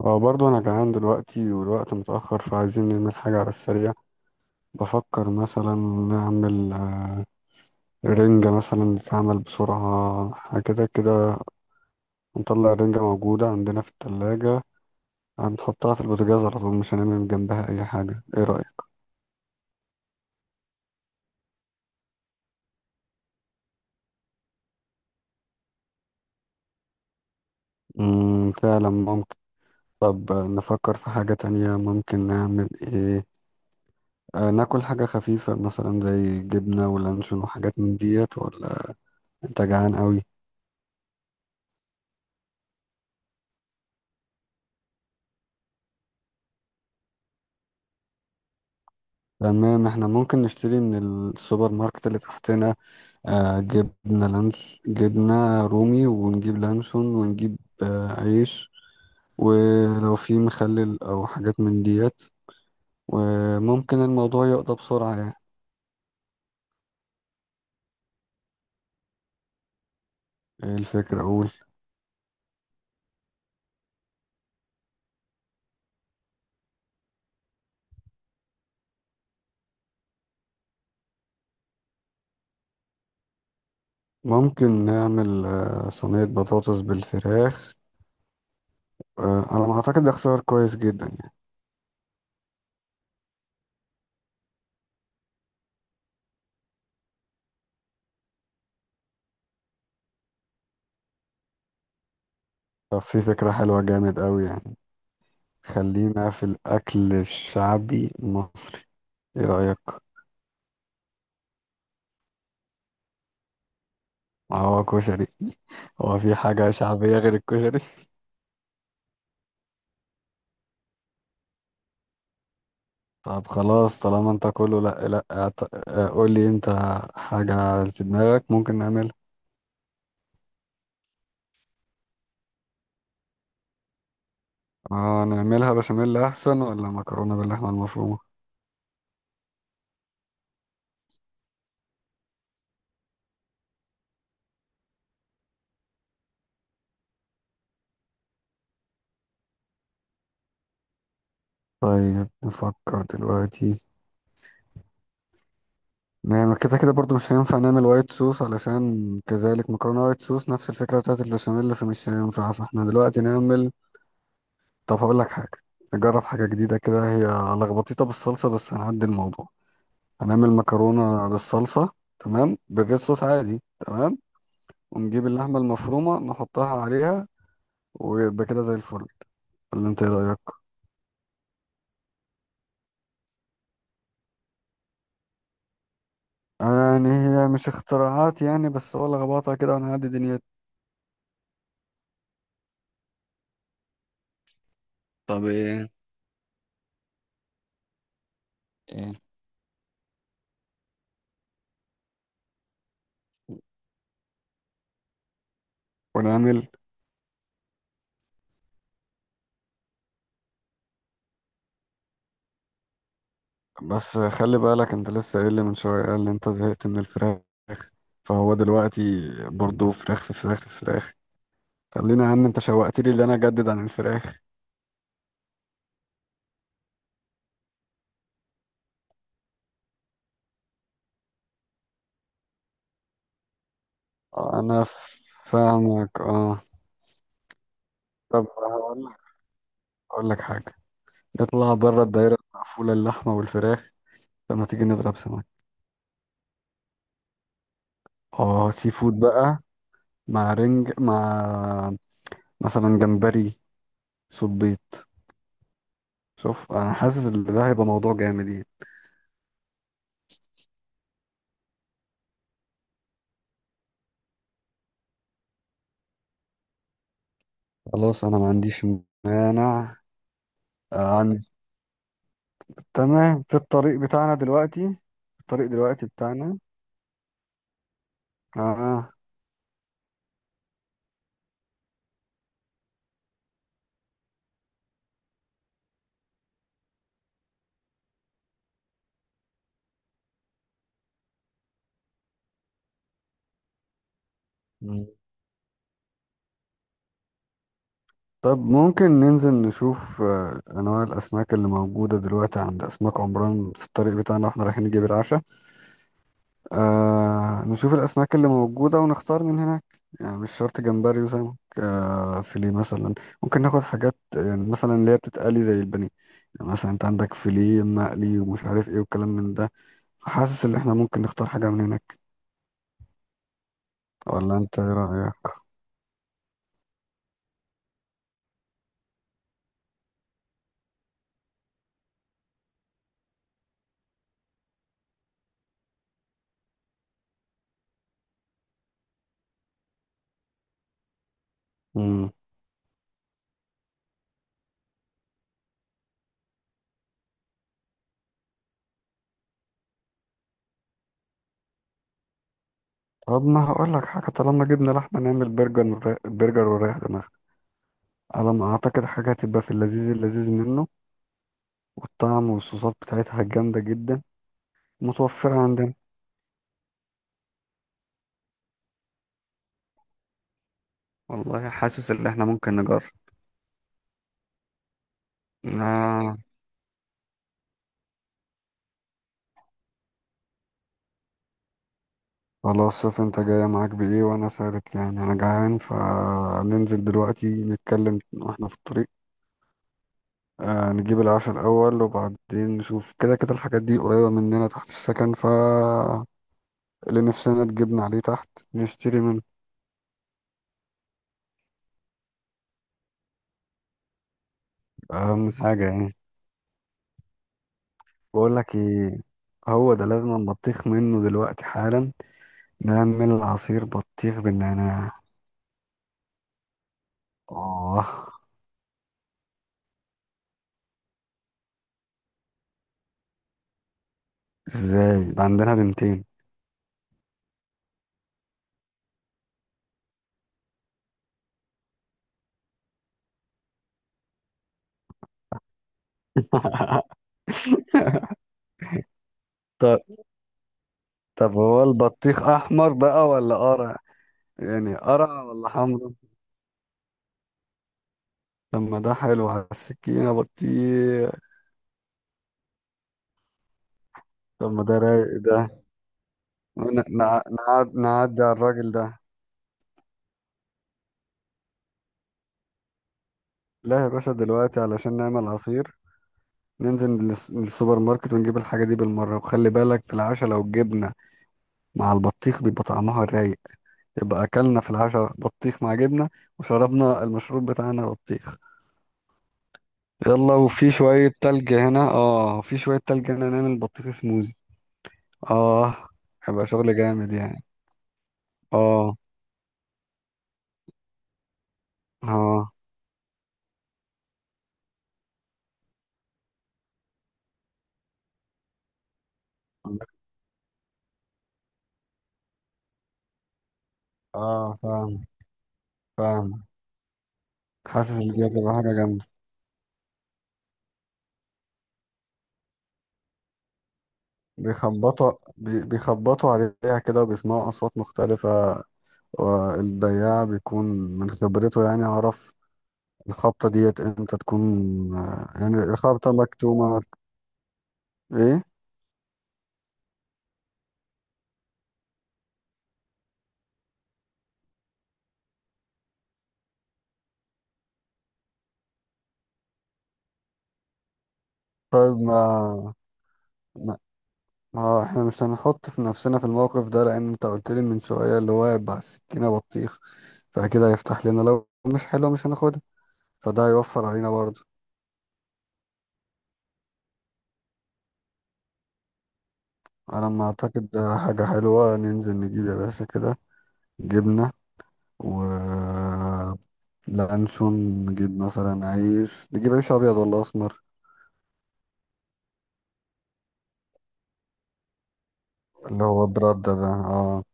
اه، برضو انا جعان دلوقتي والوقت متأخر فعايزين نعمل حاجة على السريع. بفكر مثلا نعمل رنجة مثلا تتعمل بسرعة حاجة كده كده. نطلع الرنجة موجودة عندنا في التلاجة، هنحطها في البوتاجاز على طول، مش هنعمل جنبها أي حاجة. ايه رأيك؟ فعلا ممكن. طب نفكر في حاجة تانية. ممكن نعمل ايه؟ ناكل حاجة خفيفة مثلا زي جبنة ولانشون وحاجات من ديت، ولا انت جعان قوي؟ تمام، احنا ممكن نشتري من السوبر ماركت اللي تحتنا. جبنة لانش، جبنة رومي، ونجيب لانشون، ونجيب عيش، ولو في مخلل او حاجات من ديت. وممكن الموضوع يقضى بسرعة يعني. إيه الفكرة، اقول ممكن نعمل صينية بطاطس بالفراخ. على ما اعتقد ده اختيار كويس جدا يعني. طب في فكرة حلوة جامد قوي يعني. خلينا في الاكل الشعبي المصري، ايه رأيك؟ ما هو كشري هو في حاجة شعبية غير الكشري؟ طب خلاص، طالما انت كله لا لا قول لي انت حاجة في دماغك ممكن نعملها. اه نعملها بشاميل احسن ولا مكرونة باللحمة المفرومة؟ طيب نفكر دلوقتي، نعمل كده كده برضو مش هينفع، نعمل وايت صوص علشان كذلك مكرونة وايت صوص نفس الفكرة بتاعت البشاميل فمش هينفع، فاحنا دلوقتي نعمل. طب هقول لك حاجة، نجرب حاجة جديدة كده. هي لخبطيطة بالصلصة بس هنعدي الموضوع. هنعمل مكرونة بالصلصة، تمام؟ بالريد صوص عادي، تمام. ونجيب اللحمة المفرومة نحطها عليها، ويبقى كده زي الفل. ولا انت ايه رأيك؟ يعني هي مش اختراعات يعني، بس هو اللي ربطها كده ونعدي دنيتنا. طب ايه، ايه ونعمل. بس خلي بالك انت لسه قايل لي من شوية، قال لي انت زهقت من الفراخ، فهو دلوقتي برضو فراخ في فراخ في فراخ. خلينا يا عم، انت شوقت لي اللي انا اجدد عن الفراخ. انا فاهمك، اه. طب هقول لك هقول لك حاجة، نطلع بره الدايرة المقفولة، اللحمة والفراخ، لما تيجي نضرب سمك. اه، سي فود بقى، مع رنج، مع مثلا جمبري، صبيط. شوف، انا حاسس ان ده هيبقى موضوع جامد يعني. خلاص، انا ما عنديش مانع. آه، عن... تمام، في الطريق بتاعنا دلوقتي، في الطريق دلوقتي بتاعنا. اه. مم. طب ممكن ننزل نشوف انواع الاسماك اللي موجودة دلوقتي عند اسماك عمران في الطريق بتاعنا واحنا رايحين نجيب العشاء. نشوف الأسماك اللي موجودة ونختار من هناك. يعني مش شرط جمبري وسمك، فيليه مثلا. ممكن ناخد حاجات يعني مثلا اللي هي بتتقلي زي البانيه. يعني مثلا انت عندك فيليه مقلي ومش عارف ايه والكلام من ده. فحاسس ان احنا ممكن نختار حاجة من هناك. ولا انت ايه رأيك؟ مم. طب ما هقول لك حاجة، طالما جبنا لحمة نعمل برجر. برجر وريح دماغك. على ما أعتقد حاجة هتبقى في اللذيذ اللذيذ منه، والطعم والصوصات بتاعتها جامدة جدا، متوفرة عندنا. والله حاسس ان احنا ممكن نجرب. آه. خلاص، شوف انت جاية معاك بإيه وأنا سارت يعني، أنا جعان، فننزل دلوقتي نتكلم واحنا في الطريق. نجيب العشاء الأول وبعدين نشوف. كده كده الحاجات دي قريبة مننا تحت السكن، ف اللي نفسنا تجيبنا عليه تحت نشتري منه. أهم حاجة يعني. بقولك ايه، هو ده لازم بطيخ منه دلوقتي حالا. نعمل عصير بطيخ بالنعناع. اه. ازاي ده عندنا بنتين! طب طب هو البطيخ احمر بقى ولا قرع؟ يعني قرع ولا حمرا؟ طب ما ده حلو على السكينة بطيخ. طب ما ده رايق ده. ون- نع- نعدي على الراجل ده. لا يا باشا، دلوقتي علشان نعمل عصير ننزل للسوبر ماركت ونجيب الحاجة دي بالمرة. وخلي بالك في العشاء، لو الجبنة مع البطيخ بيبقى طعمها رايق. يبقى أكلنا في العشاء بطيخ مع جبنة، وشربنا المشروب بتاعنا بطيخ. يلا. وفي شوية تلج هنا نعمل بطيخ سموزي. اه. هيبقى شغل جامد يعني. اه، اه، عندك- اه فاهم، فاهم. حاسس ان دي هتبقى حاجة جامدة. بيخبطوا بيخبطوا عليها كده وبيسمعوا أصوات مختلفة. والبياع بيكون من خبرته يعني عرف الخبطة ديت امتى تكون. يعني الخبطة مكتومة. ايه. طيب، ما ما هو احنا مش هنحط في نفسنا في الموقف ده، لان انت قلت لي من شوية اللي هو هيبقى السكينة بطيخ، فكده هيفتح لنا، لو مش حلوة مش هناخدها، فده هيوفر علينا برضه. انا ما اعتقد ده حاجة حلوة. ننزل نجيب يا باشا كده جبنة و لانشون. نجيب مثلا عيش، نجيب عيش ابيض ولا اسمر؟ اللي هو برده ده، اه.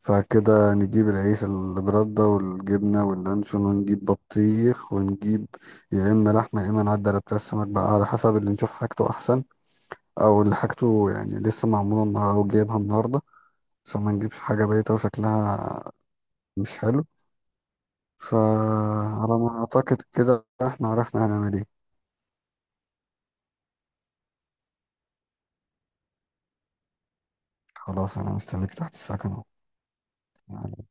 فكده نجيب العيش البردة والجبنة واللانشون، ونجيب بطيخ، ونجيب يا إما لحمة يا إما نعدي على بتاع السمك بقى، على حسب اللي نشوف حاجته أحسن، أو اللي حاجته يعني لسه معمولة النهاردة أو جايبها النهاردة، عشان ما نجيبش حاجة بايتة وشكلها مش حلو. فعلى ما أعتقد كده إحنا عرفنا هنعمل إيه. خلاص، أنا مستنيك تحت السكن أهو، يعني.